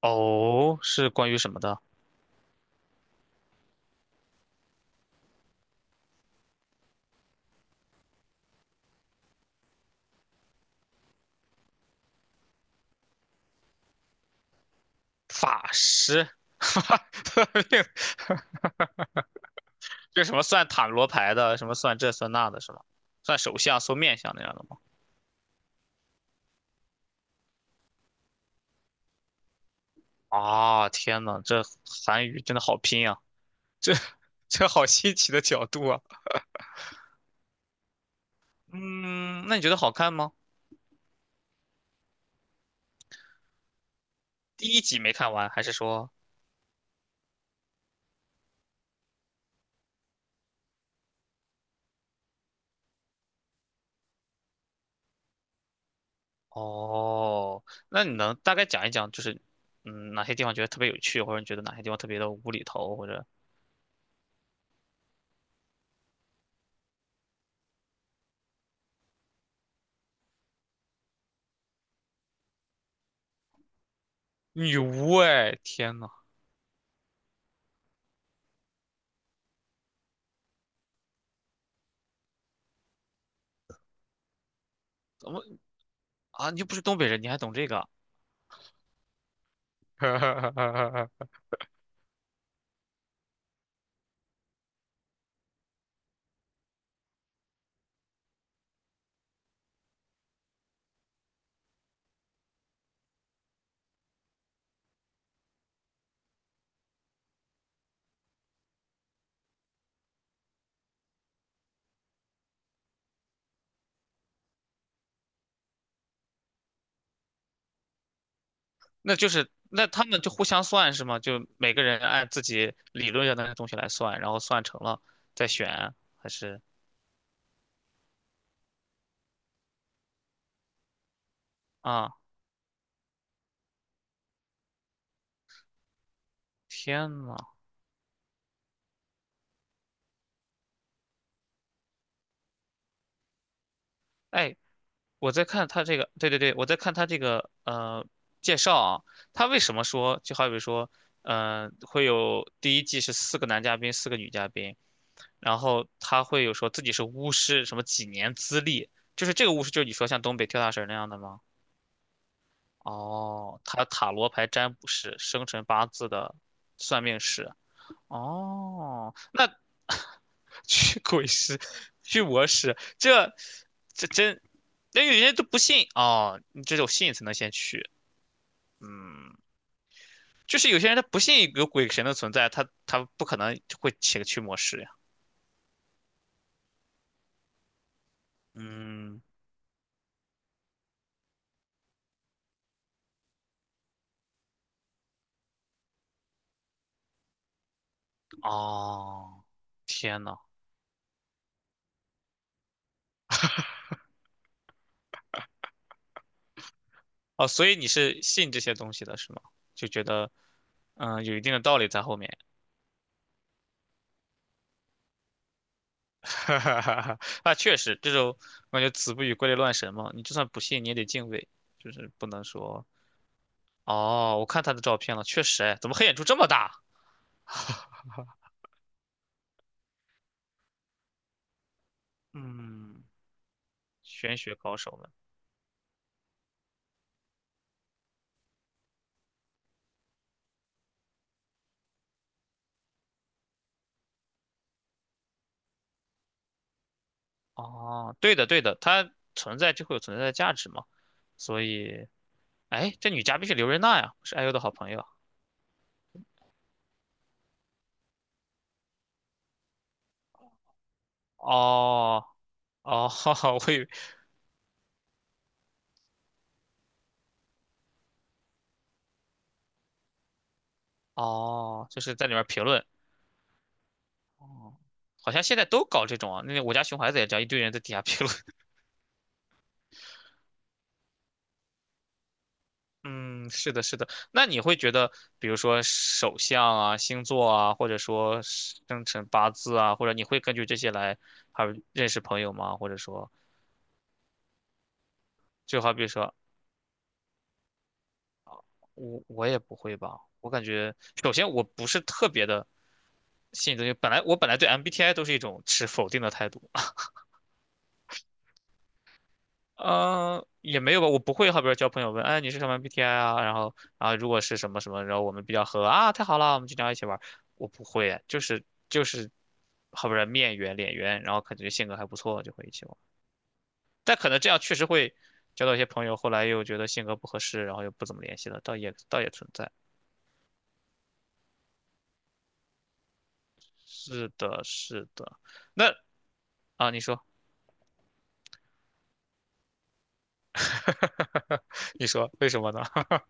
哦，是关于什么的？法师，哈哈，这 什么算塔罗牌的，什么算这算那的，是吧？算手相、算面相那样的吗？啊，天呐，这韩语真的好拼啊！这 这好新奇的角度啊！嗯，那你觉得好看吗？第一集没看完，还是说？哦，那你能大概讲一讲，就是哪些地方觉得特别有趣，或者你觉得哪些地方特别的无厘头，或者女巫？哎，天呐！啊，你又不是东北人，你还懂这个？那就是那他们就互相算是吗？就每个人按自己理论上的东西来算，然后算成了再选，还是啊？天呐，哎，我在看他这个，对对对，我在看他这个介绍啊，他为什么说就好比说，会有第一季是四个男嘉宾，四个女嘉宾，然后他会有说自己是巫师，什么几年资历，就是这个巫师就是你说像东北跳大神那样的吗？哦，他塔罗牌占卜师，生辰八字的算命师。哦，那 驱鬼师，驱魔师，这真，那有些人都不信哦，你只有信才能先去。就是有些人他不信有鬼神的存在，他不可能会请个驱魔师呀。嗯，哦，天呐，哦，所以你是信这些东西的是吗？就觉得有一定的道理在后面。哈哈哈哈，啊，确实，这种我感觉“子不语怪力乱神”嘛，你就算不信，你也得敬畏，就是不能说哦，我看他的照片了，确实，哎，怎么黑眼珠这么大？嗯，玄学高手们，哦，对的，对的，他存在就会有存在的价值嘛，所以，哎，这女嘉宾是刘瑞娜呀，是 IU 的好朋友，哦，哦，哈哈，我以为，哦，就是在里面评论，哦，好像现在都搞这种啊，那个我家熊孩子也这样，一堆人在底下评论嗯，是的，是的。那你会觉得，比如说手相啊、星座啊，或者说生辰八字啊，或者你会根据这些来还有认识朋友吗？或者说，就好比说我也不会吧。我感觉，首先我不是特别的信这些，本来对 MBTI 都是一种持否定的态度，也没有吧，我不会，好比说交朋友问，哎，你是什么 BTI 啊？然后啊，如果是什么什么，然后我们比较合啊，太好了，我们经常一起玩儿。我不会，就是，好比说面圆脸圆，然后感觉性格还不错，就会一起玩儿。但可能这样确实会交到一些朋友，后来又觉得性格不合适，然后又不怎么联系了，倒也存在。是的，是的。那啊，你说，你说为什么呢？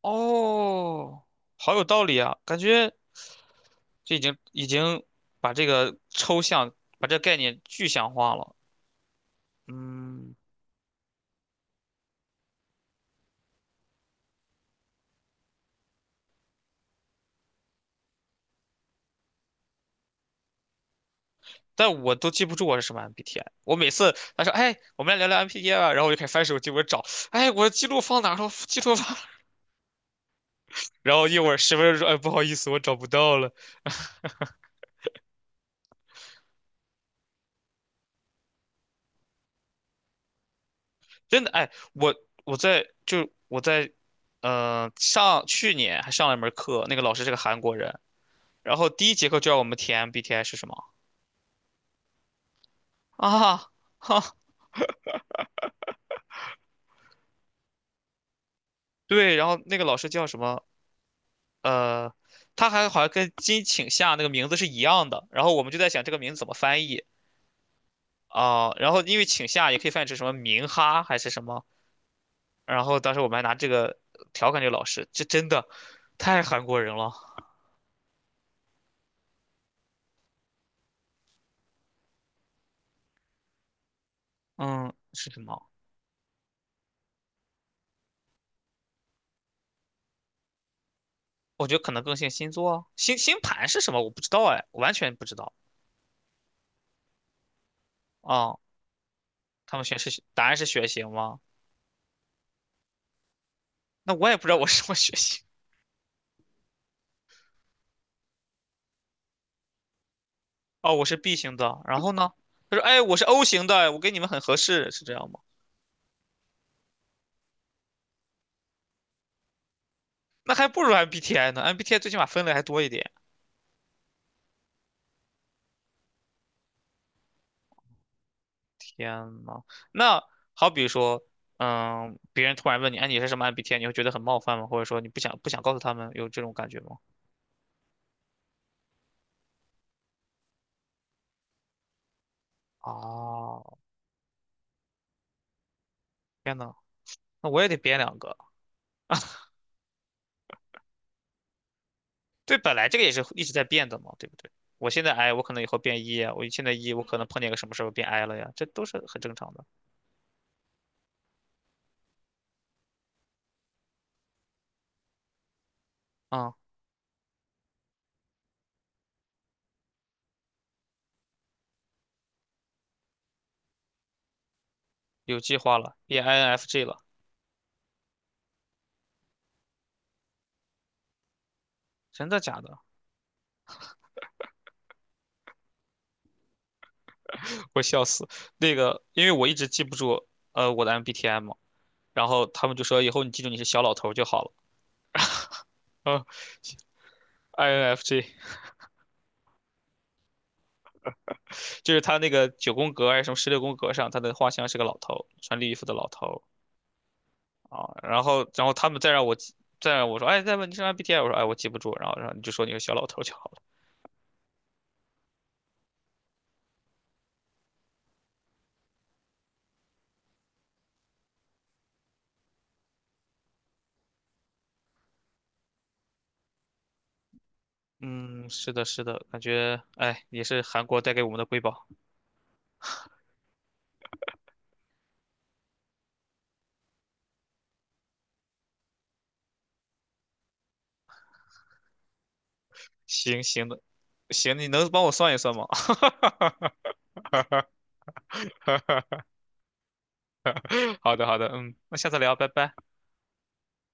哦，好有道理啊，感觉。这已经把这个抽象，把这个概念具象化了。嗯，但我都记不住我是什么 MBTI。我每次他说：“哎，我们来聊聊 MBTI 吧。”然后我就开始翻手机，我找，哎，我记录放哪了？记录放哪 然后一会儿十分钟说：“哎，不好意思，我找不到了。”真的，哎，我在，上去年还上了一门课，那个老师是个韩国人，然后第一节课就让我们填 MBTI 是什么啊？哈，对，然后那个老师叫什么？呃，他还好像跟金请夏那个名字是一样的。然后我们就在想这个名字怎么翻译啊、然后因为请夏也可以翻译成什么明哈还是什么。然后当时我们还拿这个调侃这个老师，这真的太韩国人了。嗯，是什么？我觉得可能更像星座啊星盘是什么？我不知道哎，完全不知道啊、他们选是答案是血型吗？那我也不知道我是什么血型。哦，我是 B 型的。然后呢？他说：“哎，我是 O 型的，我跟你们很合适，是这样吗？”那还不如 MBTI 呢，MBTI 最起码分类还多一点。天呐，那好比说，嗯，别人突然问你，哎，你是什么 MBTI，你会觉得很冒犯吗？或者说你不想告诉他们有这种感觉吗？哦，天呐，那我也得编两个。对，本来这个也是一直在变的嘛，对不对？我现在 I，我可能以后变 E 啊，我现在 E，我可能碰见个什么事儿我变 I 了呀，这都是很正常的。啊、有计划了变 INFJ 了，真的假的？我笑死。那个，因为我一直记不住，我的 MBTI 嘛。然后他们就说以后你记住你是小老头就好了。嗯，INFJ 就是他那个九宫格还是什么十六宫格上，他的画像是个老头，穿绿衣服的老头啊。然后他们再让我说，哎，再问你是 MBTI，我说哎我记不住，然后你就说你是小老头就好了。嗯，是的，是的，感觉哎也是韩国带给我们的瑰宝。行行的，行，你能帮我算一算吗？好的好的，嗯，那下次聊，拜拜。